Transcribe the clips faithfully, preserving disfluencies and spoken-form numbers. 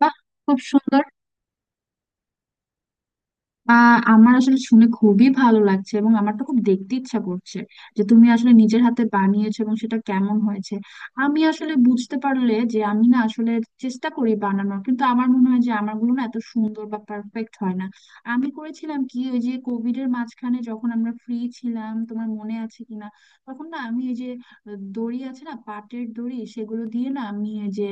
বাহ, খুব সুন্দর। আহ আমার আসলে শুনে খুবই ভালো লাগছে, এবং আমার তো খুব দেখতে ইচ্ছা করছে যে তুমি আসলে নিজের হাতে বানিয়েছো এবং সেটা কেমন হয়েছে। আমি আসলে বুঝতে পারলে যে আমি না আসলে চেষ্টা করি বানানোর, কিন্তু আমার মনে হয় যে আমারগুলো না এত সুন্দর বা পারফেক্ট হয় না। আমি করেছিলাম কি, ওই যে কোভিড এর মাঝখানে যখন আমরা ফ্রি ছিলাম, তোমার মনে আছে কিনা, তখন না আমি এই যে দড়ি আছে না পাটের দড়ি, সেগুলো দিয়ে না আমি এই যে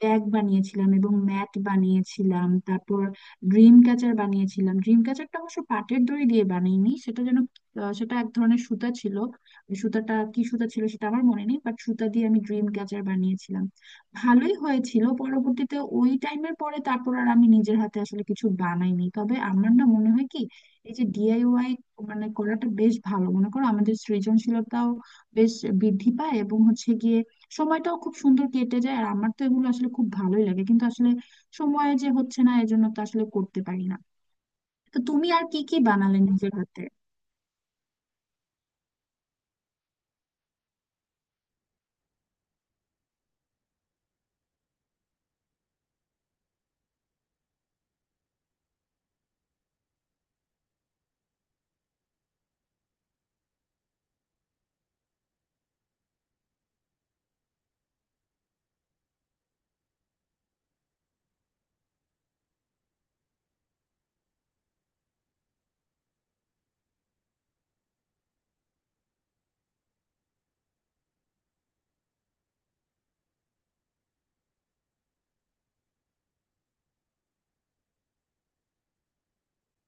ব্যাগ বানিয়েছিলাম এবং ম্যাট বানিয়েছিলাম, তারপর ড্রিম ক্যাচার বানিয়েছিলাম। ড্রিম ক্যাচারটা অবশ্য পাটের দড়ি দিয়ে বানাইনি, সেটা যেন আহ, সেটা এক ধরনের সুতা ছিল। ওই সুতাটা কি সুতা ছিল সেটা আমার মনে নেই, বাট সুতা দিয়ে আমি ড্রিম ক্যাচার বানিয়েছিলাম, ভালোই হয়েছিল। পরবর্তীতে ওই টাইমের পরে তারপর আর আমি নিজের হাতে আসলে কিছু বানাইনি। তবে আমার না মনে হয় কি, এই যে ডিআইওয়াই মানে করাটা বেশ ভালো, মনে করো আমাদের সৃজনশীলতাও বেশ বৃদ্ধি পায়, এবং হচ্ছে গিয়ে সময়টাও খুব সুন্দর কেটে যায়। আর আমার তো এগুলো আসলে খুব ভালোই লাগে, কিন্তু আসলে সময় যে হচ্ছে না, এজন্য তো আসলে করতে পারি না। তো তুমি আর কি কি বানালে নিজের হাতে?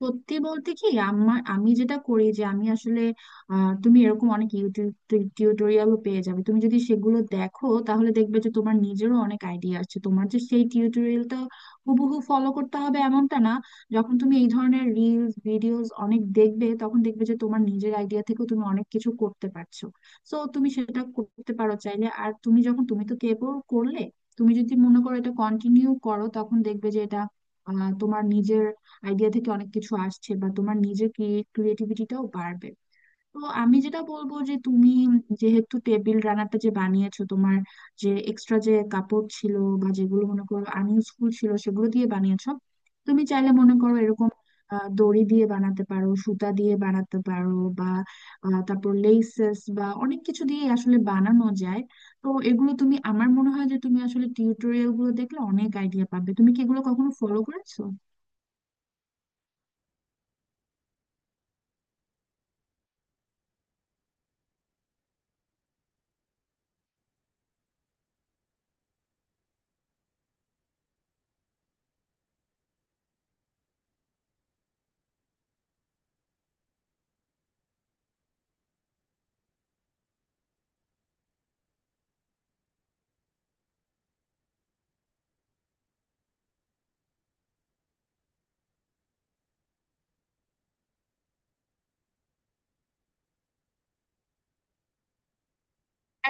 সত্যি বলতে কি, আমার আমি যেটা করি যে আমি আসলে আহ, তুমি এরকম অনেক ইউটিউব টিউটোরিয়ালও পেয়ে যাবে। তুমি যদি সেগুলো দেখো তাহলে দেখবে যে তোমার নিজেরও অনেক আইডিয়া আছে, তোমার যে সেই টিউটোরিয়ালটা হুবহু ফলো করতে হবে এমনটা না। যখন তুমি এই ধরনের রিলস ভিডিওস অনেক দেখবে, তখন দেখবে যে তোমার নিজের আইডিয়া থেকেও তুমি অনেক কিছু করতে পারছো। সো তুমি সেটা করতে পারো চাইলে। আর তুমি যখন, তুমি তো কেবল করলে, তুমি যদি মনে করো এটা কন্টিনিউ করো, তখন দেখবে যে এটা আহ, তোমার নিজের আইডিয়া থেকে অনেক কিছু আসছে, বা তোমার নিজের ক্রিয়েটিভিটিটাও বাড়বে। তো আমি যেটা বলবো যে তুমি যেহেতু টেবিল রানারটা যে বানিয়েছো তোমার যে এক্সট্রা যে কাপড় ছিল বা যেগুলো মনে করো আনইউজফুল ছিল সেগুলো দিয়ে বানিয়েছো, তুমি চাইলে মনে করো এরকম আহ, দড়ি দিয়ে বানাতে পারো, সুতা দিয়ে বানাতে পারো, বা আহ, তারপর লেসেস বা অনেক কিছু দিয়ে আসলে বানানো যায়। তো এগুলো তুমি, আমার মনে হয় যে তুমি আসলে টিউটোরিয়াল গুলো দেখলে অনেক আইডিয়া পাবে। তুমি কি এগুলো কখনো ফলো করেছো?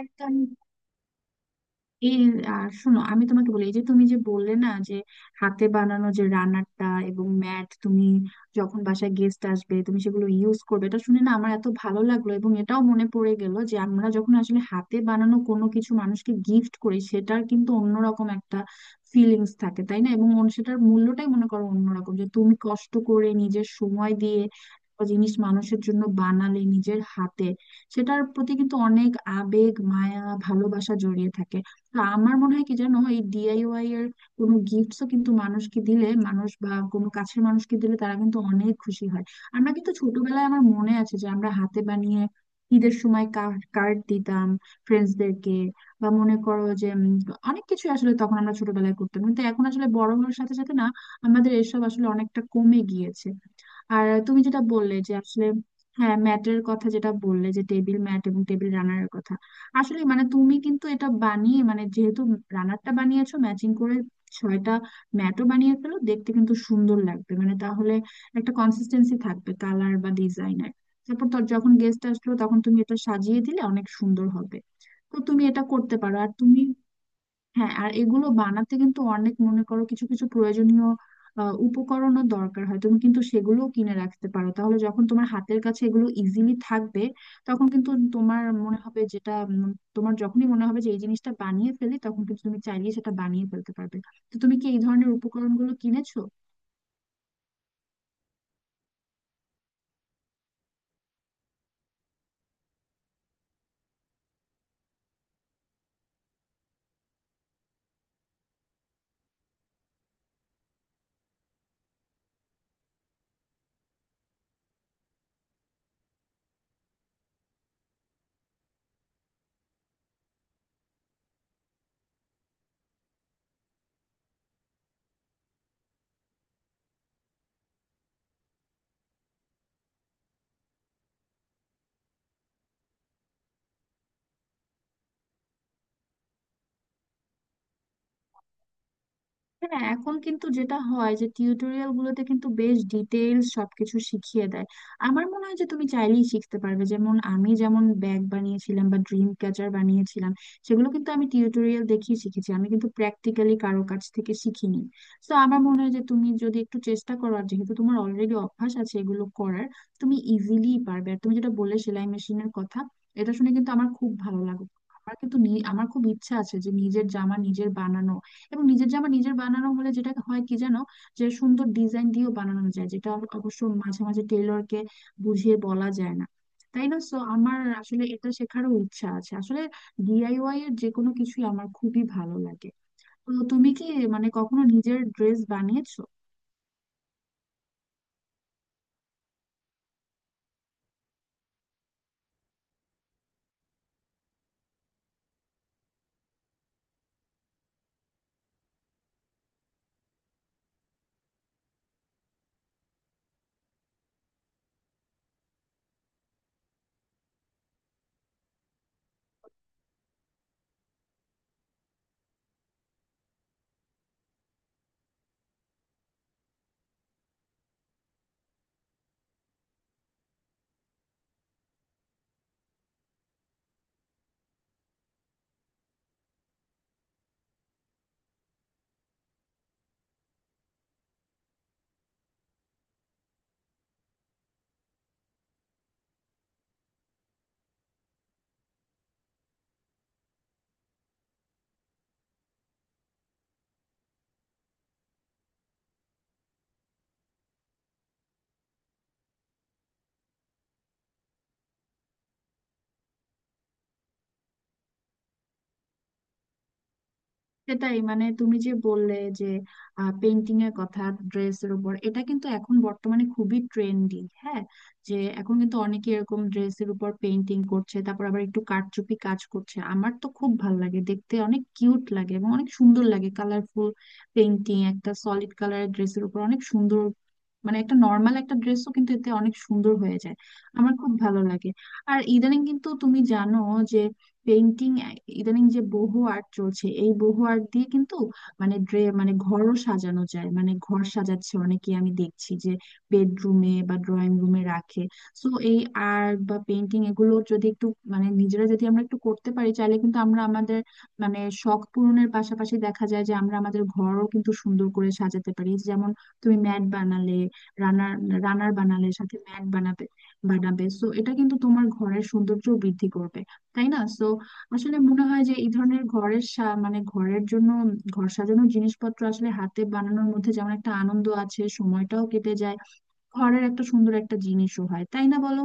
একদম এই, আর শোনো আমি তোমাকে বলি, এই যে তুমি যে বললে না যে হাতে বানানো যে রান্নাটা এবং ম্যাট তুমি যখন বাসায় গেস্ট আসবে তুমি সেগুলো ইউজ করবে, এটা শুনে না আমার এত ভালো লাগলো। এবং এটাও মনে পড়ে গেল যে আমরা যখন আসলে হাতে বানানো কোনো কিছু মানুষকে গিফট করি, সেটার কিন্তু অন্যরকম একটা ফিলিংস থাকে, তাই না? এবং অন- সেটার মূল্যটাই মনে করো অন্যরকম, যে তুমি কষ্ট করে নিজের সময় দিয়ে একটা জিনিস মানুষের জন্য বানালে নিজের হাতে, সেটার প্রতি কিন্তু অনেক আবেগ, মায়া, ভালোবাসা জড়িয়ে থাকে। না, আমার মনে হয় কি জানো, এই ডিআইওয়াই এর কোনো গিফটসও কিন্তু মানুষকে দিলে, মানুষ বা কোনো কাছের মানুষকে দিলে, তারা কিন্তু অনেক খুশি হয়। আমরা কিন্তু ছোটবেলায়, আমার মনে আছে যে আমরা হাতে বানিয়ে ঈদের সময় কার্ড দিতাম ফ্রেন্ডসদেরকে। বা মনে করো যে উম, অনেক কিছু আসলে তখন আমরা ছোটবেলায় করতাম, কিন্তু এখন আসলে বড় হওয়ার সাথে সাথে না আমাদের এসব আসলে অনেকটা কমে গিয়েছে। আর তুমি যেটা বললে যে আসলে, হ্যাঁ, ম্যাটের কথা যেটা বললে যে টেবিল ম্যাট এবং টেবিল রানারের কথা, আসলে মানে তুমি কিন্তু এটা বানিয়ে, মানে যেহেতু রানারটা বানিয়েছো, ম্যাচিং করে ছয়টা ম্যাটও বানিয়ে ফেলো, দেখতে কিন্তু সুন্দর লাগবে। মানে তাহলে একটা কনসিস্টেন্সি থাকবে কালার বা ডিজাইনের। তারপর তোর যখন গেস্ট আসলো তখন তুমি এটা সাজিয়ে দিলে অনেক সুন্দর হবে। তো তুমি এটা করতে পারো। আর তুমি, হ্যাঁ, আর এগুলো বানাতে কিন্তু অনেক, মনে করো, কিছু কিছু প্রয়োজনীয় আহ, উপকরণও দরকার হয়, তুমি কিন্তু সেগুলোও কিনে রাখতে পারো, তাহলে যখন তোমার হাতের কাছে এগুলো ইজিলি থাকবে তখন কিন্তু তোমার মনে হবে, যেটা উম, তোমার যখনই মনে হবে যে এই জিনিসটা বানিয়ে ফেলি, তখন কিন্তু তুমি চাইলেই সেটা বানিয়ে ফেলতে পারবে। তো তুমি কি এই ধরনের উপকরণগুলো কিনেছো? হ্যাঁ, এখন কিন্তু যেটা হয় যে টিউটোরিয়াল গুলোতে কিন্তু বেশ ডিটেইলস সবকিছু শিখিয়ে দেয়। আমার মনে হয় যে তুমি চাইলেই শিখতে পারবে। যেমন আমি, যেমন ব্যাগ বানিয়েছিলাম বা ড্রিম ক্যাচার বানিয়েছিলাম, সেগুলো কিন্তু আমি টিউটোরিয়াল দেখেই শিখেছি, আমি কিন্তু প্র্যাকটিক্যালি কারো কাছ থেকে শিখিনি। তো আমার মনে হয় যে তুমি যদি একটু চেষ্টা করো, আর যেহেতু তোমার অলরেডি অভ্যাস আছে এগুলো করার, তুমি ইজিলি পারবে। আর তুমি যেটা বললে সেলাই মেশিনের কথা, এটা শুনে কিন্তু আমার খুব ভালো লাগলো। আমার কিন্তু নি- আমার খুব ইচ্ছা আছে যে নিজের জামা নিজের বানানো, এবং নিজের জামা নিজের বানানো হলে যেটা হয় কি জানো, যে সুন্দর ডিজাইন দিয়েও বানানো যায়, যেটা আবার অবশ্য মাঝে মাঝে টেলরকে বুঝিয়ে বলা যায় না, তাই না? সো আমার আসলে এটা শেখারও ইচ্ছা আছে আসলে। ডিআইওয়াই এর যে কোনো কিছুই আমার খুবই ভালো লাগে। তো তুমি কি মানে কখনো নিজের ড্রেস বানিয়েছো? সেটাই, মানে তুমি যে বললে যে পেন্টিং এর কথা ড্রেসের উপর, এটা কিন্তু এখন বর্তমানে খুবই ট্রেন্ডি, হ্যাঁ। যে এখন কিন্তু অনেকে এরকম ড্রেসের উপর পেন্টিং করছে, তারপর আবার একটু কারচুপি কাজ করছে। আমার তো খুব ভালো লাগে দেখতে, অনেক কিউট লাগে এবং অনেক সুন্দর লাগে। কালারফুল পেন্টিং একটা সলিড কালারের ড্রেসের উপর অনেক সুন্দর, মানে একটা নর্মাল একটা ড্রেসও কিন্তু এতে অনেক সুন্দর হয়ে যায়। আমার খুব ভালো লাগে। আর ইদানিং কিন্তু তুমি জানো, পেইন্টিং, ইদানিং যে বহু আর্ট চলছে, এই বহু আর্ট দিয়ে কিন্তু মানে ড্রে মানে ঘরও সাজানো যায়, মানে ঘর সাজাচ্ছে অনেকে, আমি দেখছি যে বেডরুমে বা ড্রয়িং রুমে রাখে। সো এই আর্ট বা পেইন্টিং এগুলো যদি একটু, মানে নিজেরা যদি আমরা একটু করতে পারি চাইলে, কিন্তু আমরা আমাদের মানে শখ পূরণের পাশাপাশি দেখা যায় যে আমরা আমাদের ঘরও কিন্তু সুন্দর করে সাজাতে পারি। যেমন তুমি ম্যাট বানালে, রানার, রানার বানালে, সাথে ম্যাট বানাবে, বানাবে, সো এটা কিন্তু তোমার ঘরের সৌন্দর্য বৃদ্ধি করবে, তাই না? সো আসলে মনে হয় যে এই ধরনের ঘরের সা- মানে ঘরের জন্য ঘর সাজানোর জিনিসপত্র আসলে হাতে বানানোর মধ্যে যেমন একটা আনন্দ আছে, সময়টাও কেটে যায়, ঘরের একটা সুন্দর একটা জিনিসও হয়, তাই না, বলো?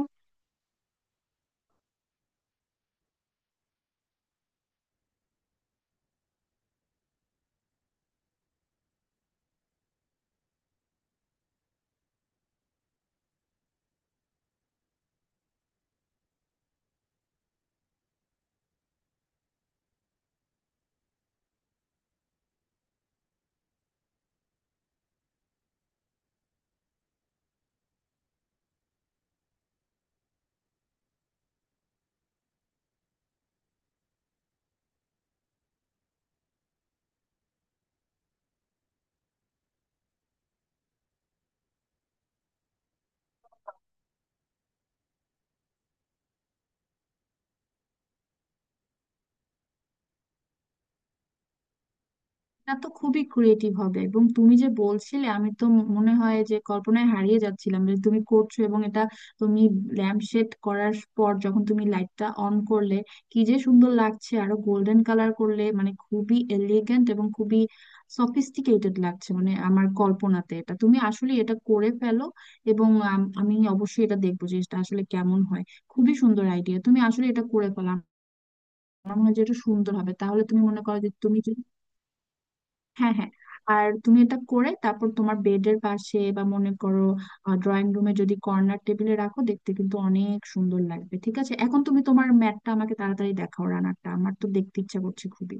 এটা তো খুবই ক্রিয়েটিভ হবে। এবং তুমি যে বলছিলে, আমি তো মনে হয় যে কল্পনায় হারিয়ে যাচ্ছিলাম যে তুমি করছো এবং এটা তুমি ল্যাম্প শেড করার পর যখন তুমি লাইটটা অন করলে, কি যে সুন্দর লাগছে! আরো গোল্ডেন কালার করলে মানে খুবই এলিগেন্ট এবং খুবই সফিস্টিকেটেড লাগছে, মানে আমার কল্পনাতে। এটা তুমি আসলে এটা করে ফেলো, এবং আম- আমি অবশ্যই এটা দেখবো যে এটা আসলে কেমন হয়। খুবই সুন্দর আইডিয়া, তুমি আসলে এটা করে ফেলো। আমার মনে হয় যে এটা সুন্দর হবে। তাহলে তুমি মনে করো যে তুমি, হ্যাঁ হ্যাঁ, আর তুমি এটা করে তারপর তোমার বেডের পাশে, বা মনে করো ড্রয়িং রুমে যদি কর্নার টেবিলে রাখো, দেখতে কিন্তু অনেক সুন্দর লাগবে। ঠিক আছে, এখন তুমি তোমার ম্যাটটা আমাকে তাড়াতাড়ি দেখাও, রানারটা, আমার তো দেখতে ইচ্ছা করছে খুবই।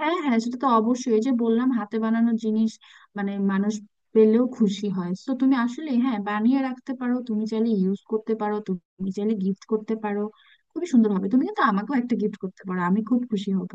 হ্যাঁ হ্যাঁ, সেটা তো অবশ্যই, এই যে বললাম হাতে বানানো জিনিস মানে মানুষ পেলেও খুশি হয়। তো তুমি আসলে, হ্যাঁ, বানিয়ে রাখতে পারো, তুমি চাইলে ইউজ করতে পারো, তুমি চাইলে গিফট করতে পারো, খুবই সুন্দর হবে। তুমি কিন্তু আমাকেও একটা গিফট করতে পারো, আমি খুব খুশি হব।